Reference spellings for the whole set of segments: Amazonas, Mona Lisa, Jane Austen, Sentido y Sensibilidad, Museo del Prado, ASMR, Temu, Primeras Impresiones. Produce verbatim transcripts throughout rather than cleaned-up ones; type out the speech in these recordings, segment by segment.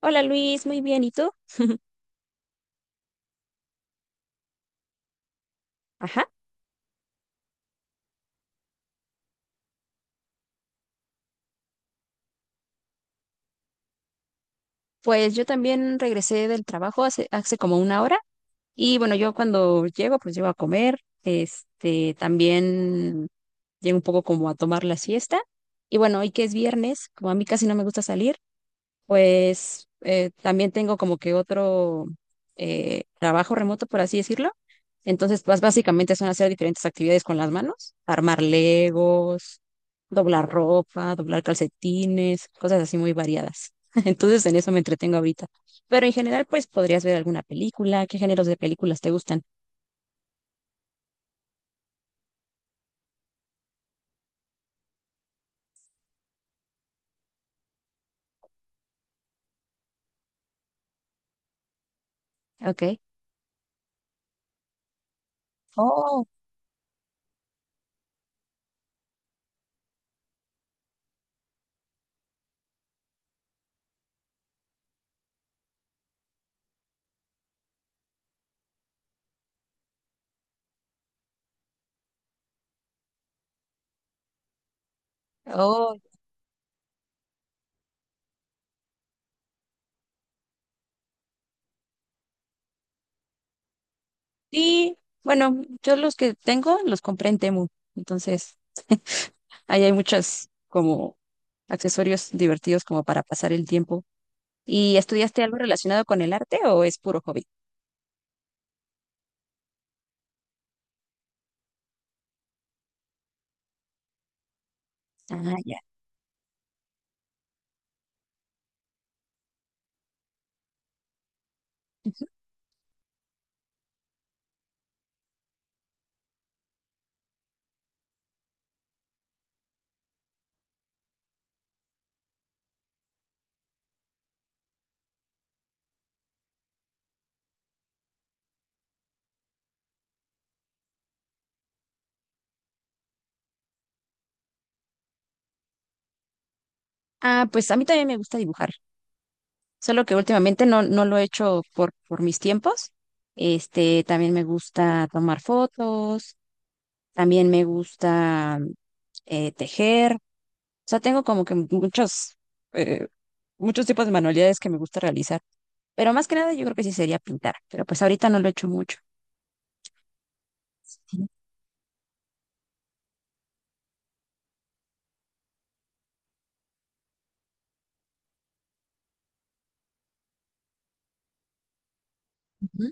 Hola Luis, muy bien, ¿y tú? Ajá, pues yo también regresé del trabajo hace, hace como una hora. Y bueno, yo cuando llego, pues llego a comer, este, también llego un poco como a tomar la siesta. Y bueno, hoy que es viernes, como a mí casi no me gusta salir. Pues eh, también tengo como que otro eh, trabajo remoto, por así decirlo. Entonces, pues básicamente son hacer diferentes actividades con las manos, armar Legos, doblar ropa, doblar calcetines, cosas así muy variadas. Entonces, en eso me entretengo ahorita. Pero en general, pues podrías ver alguna película. ¿Qué géneros de películas te gustan? Okay. Oh, oh, sí. Bueno, yo los que tengo los compré en Temu. Entonces, ahí hay muchas como accesorios divertidos como para pasar el tiempo. ¿Y estudiaste algo relacionado con el arte o es puro hobby? Ah, ya. Ah, pues a mí también me gusta dibujar, solo que últimamente no, no lo he hecho por, por mis tiempos. Este, también me gusta tomar fotos, también me gusta mm, eh, tejer. O sea, tengo como que muchos, eh, muchos tipos de manualidades que me gusta realizar. Pero más que nada yo creo que sí sería pintar, pero pues ahorita no lo he hecho mucho. Ujú.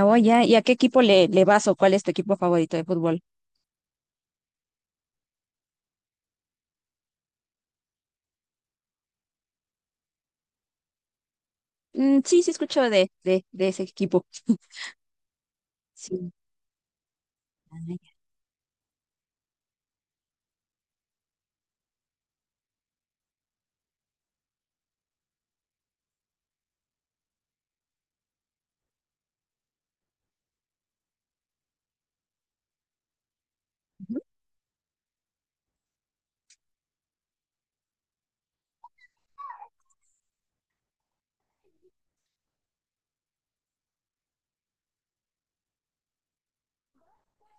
Oh, ya. ¿Y a qué equipo le, le vas o cuál es tu equipo favorito de fútbol? Mm, sí, sí escucho de, de, de ese equipo. Sí. Ah, ya.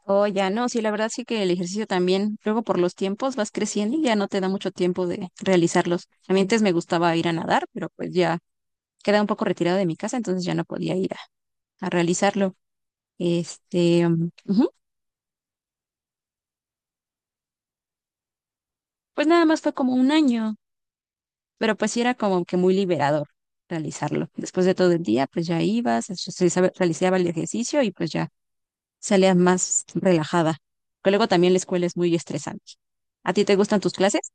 Oh, ya no, sí, la verdad sí que el ejercicio también, luego por los tiempos vas creciendo y ya no te da mucho tiempo de realizarlos. A mí antes me gustaba ir a nadar, pero pues ya quedaba un poco retirado de mi casa, entonces ya no podía ir a, a realizarlo. Este, mm, ujú. Pues nada más fue como un año. Pero pues sí era como que muy liberador realizarlo. Después de todo el día, pues ya ibas, realizaba realizaba el ejercicio y pues ya salías más relajada. Pero luego también la escuela es muy estresante. ¿A ti te gustan tus clases?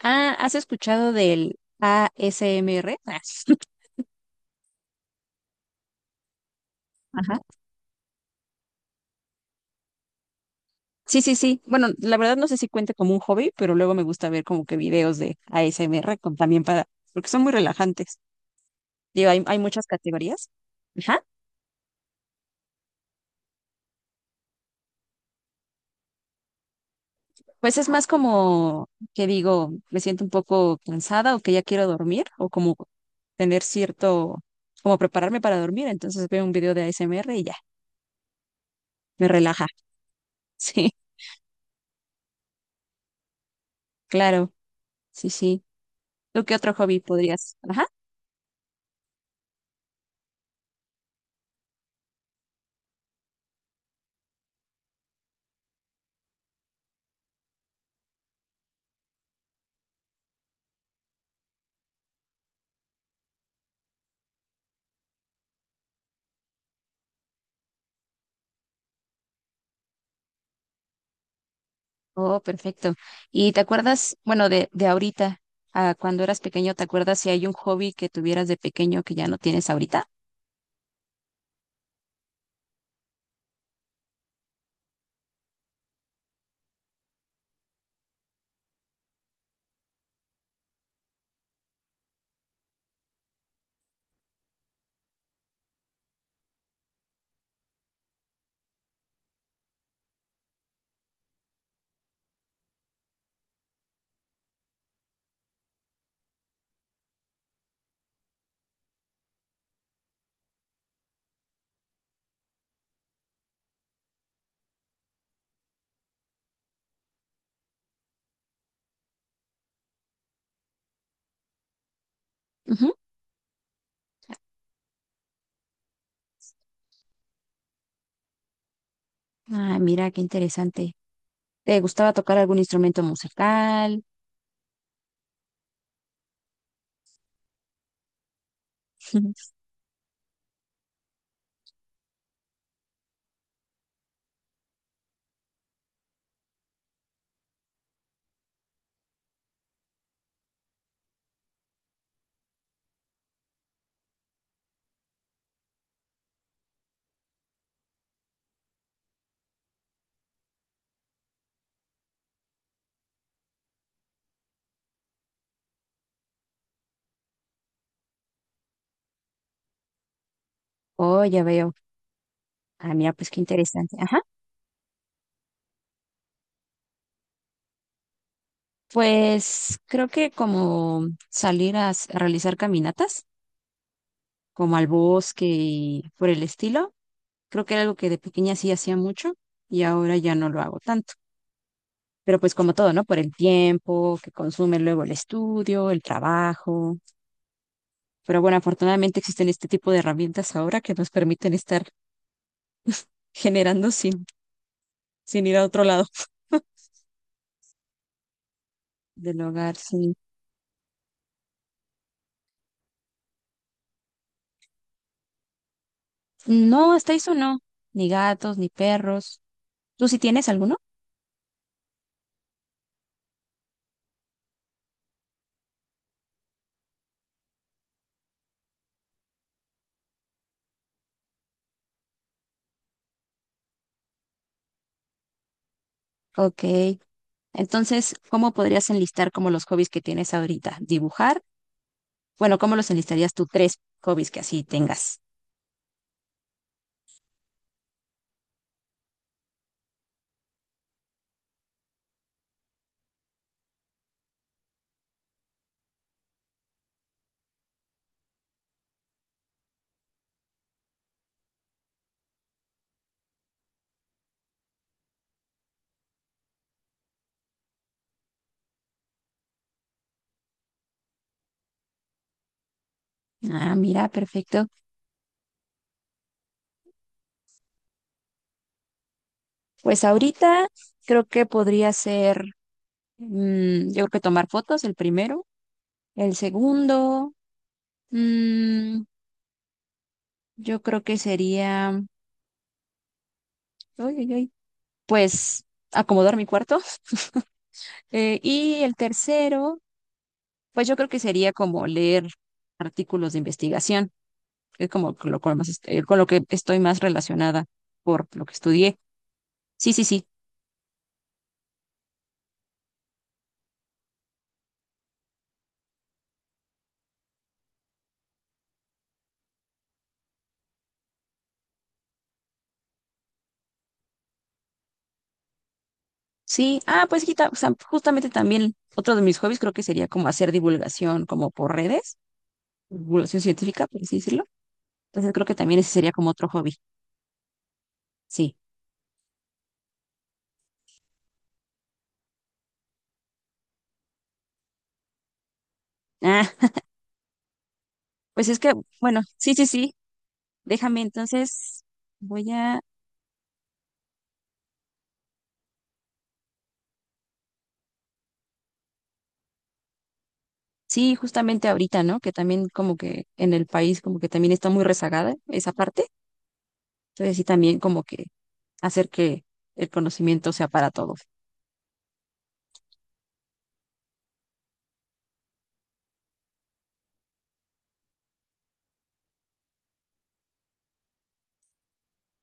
Ah, ¿has escuchado del a s A S M R? Ajá. Sí, sí, sí. Bueno, la verdad no sé si cuente como un hobby, pero luego me gusta ver como que videos de a s A S M R con- también para, porque son muy relajantes. Digo, hay, hay muchas categorías. Ajá. Pues es más como que digo, me siento un poco cansada o que ya quiero dormir o como tener cierto, como prepararme para dormir. Entonces veo un video de A S M R y ya, me relaja. Sí, claro, sí, sí. ¿Tú qué otro hobby podrías? Ajá. Oh, perfecto. ¿Y te acuerdas, bueno, de, de ahorita, a cuando eras pequeño? ¿Te acuerdas si hay un hobby que tuvieras de pequeño que ya no tienes ahorita? Ujú. Ah, mira, qué interesante. ¿Te gustaba tocar algún instrumento musical? Oh, ya veo. Ah, mira, pues qué interesante. Ajá. Pues creo que como salir a, s- a realizar caminatas, como al bosque y por el estilo, creo que era algo que de pequeña sí hacía mucho y ahora ya no lo hago tanto. Pero pues como todo, ¿no? Por el tiempo que consume luego el estudio, el trabajo. Pero bueno, afortunadamente existen este tipo de herramientas ahora que nos permiten estar generando sin, sin ir a otro lado del hogar, sí. No, hasta eso no. Ni gatos, ni perros. ¿Tú sí tienes alguno? Ok, entonces, ¿cómo podrías enlistar como los hobbies que tienes ahorita? ¿Dibujar? Bueno, ¿cómo los enlistarías tú? Tres hobbies que así tengas. Ah, mira, perfecto. Pues ahorita creo que podría ser, mm, yo creo que tomar fotos, el primero. El segundo, mm, yo creo que sería, uy, uy, uy, pues acomodar mi cuarto. Eh, y el tercero, pues yo creo que sería como leer artículos de investigación. Es como con lo, con lo más, est- eh, con lo que estoy más relacionada por lo que estudié. Sí, sí, sí. Sí, ah, pues quita- o sea, justamente también otro de mis hobbies creo que sería como hacer divulgación como por redes, divulgación científica, por así decirlo. Entonces creo que también ese sería como otro hobby. Sí. Ah, pues es que, bueno, sí, sí, sí. Déjame entonces, voy a, sí, justamente ahorita, ¿no? Que también como que en el país como que también está muy rezagada esa parte. Entonces sí, también como que hacer que el conocimiento sea para todos.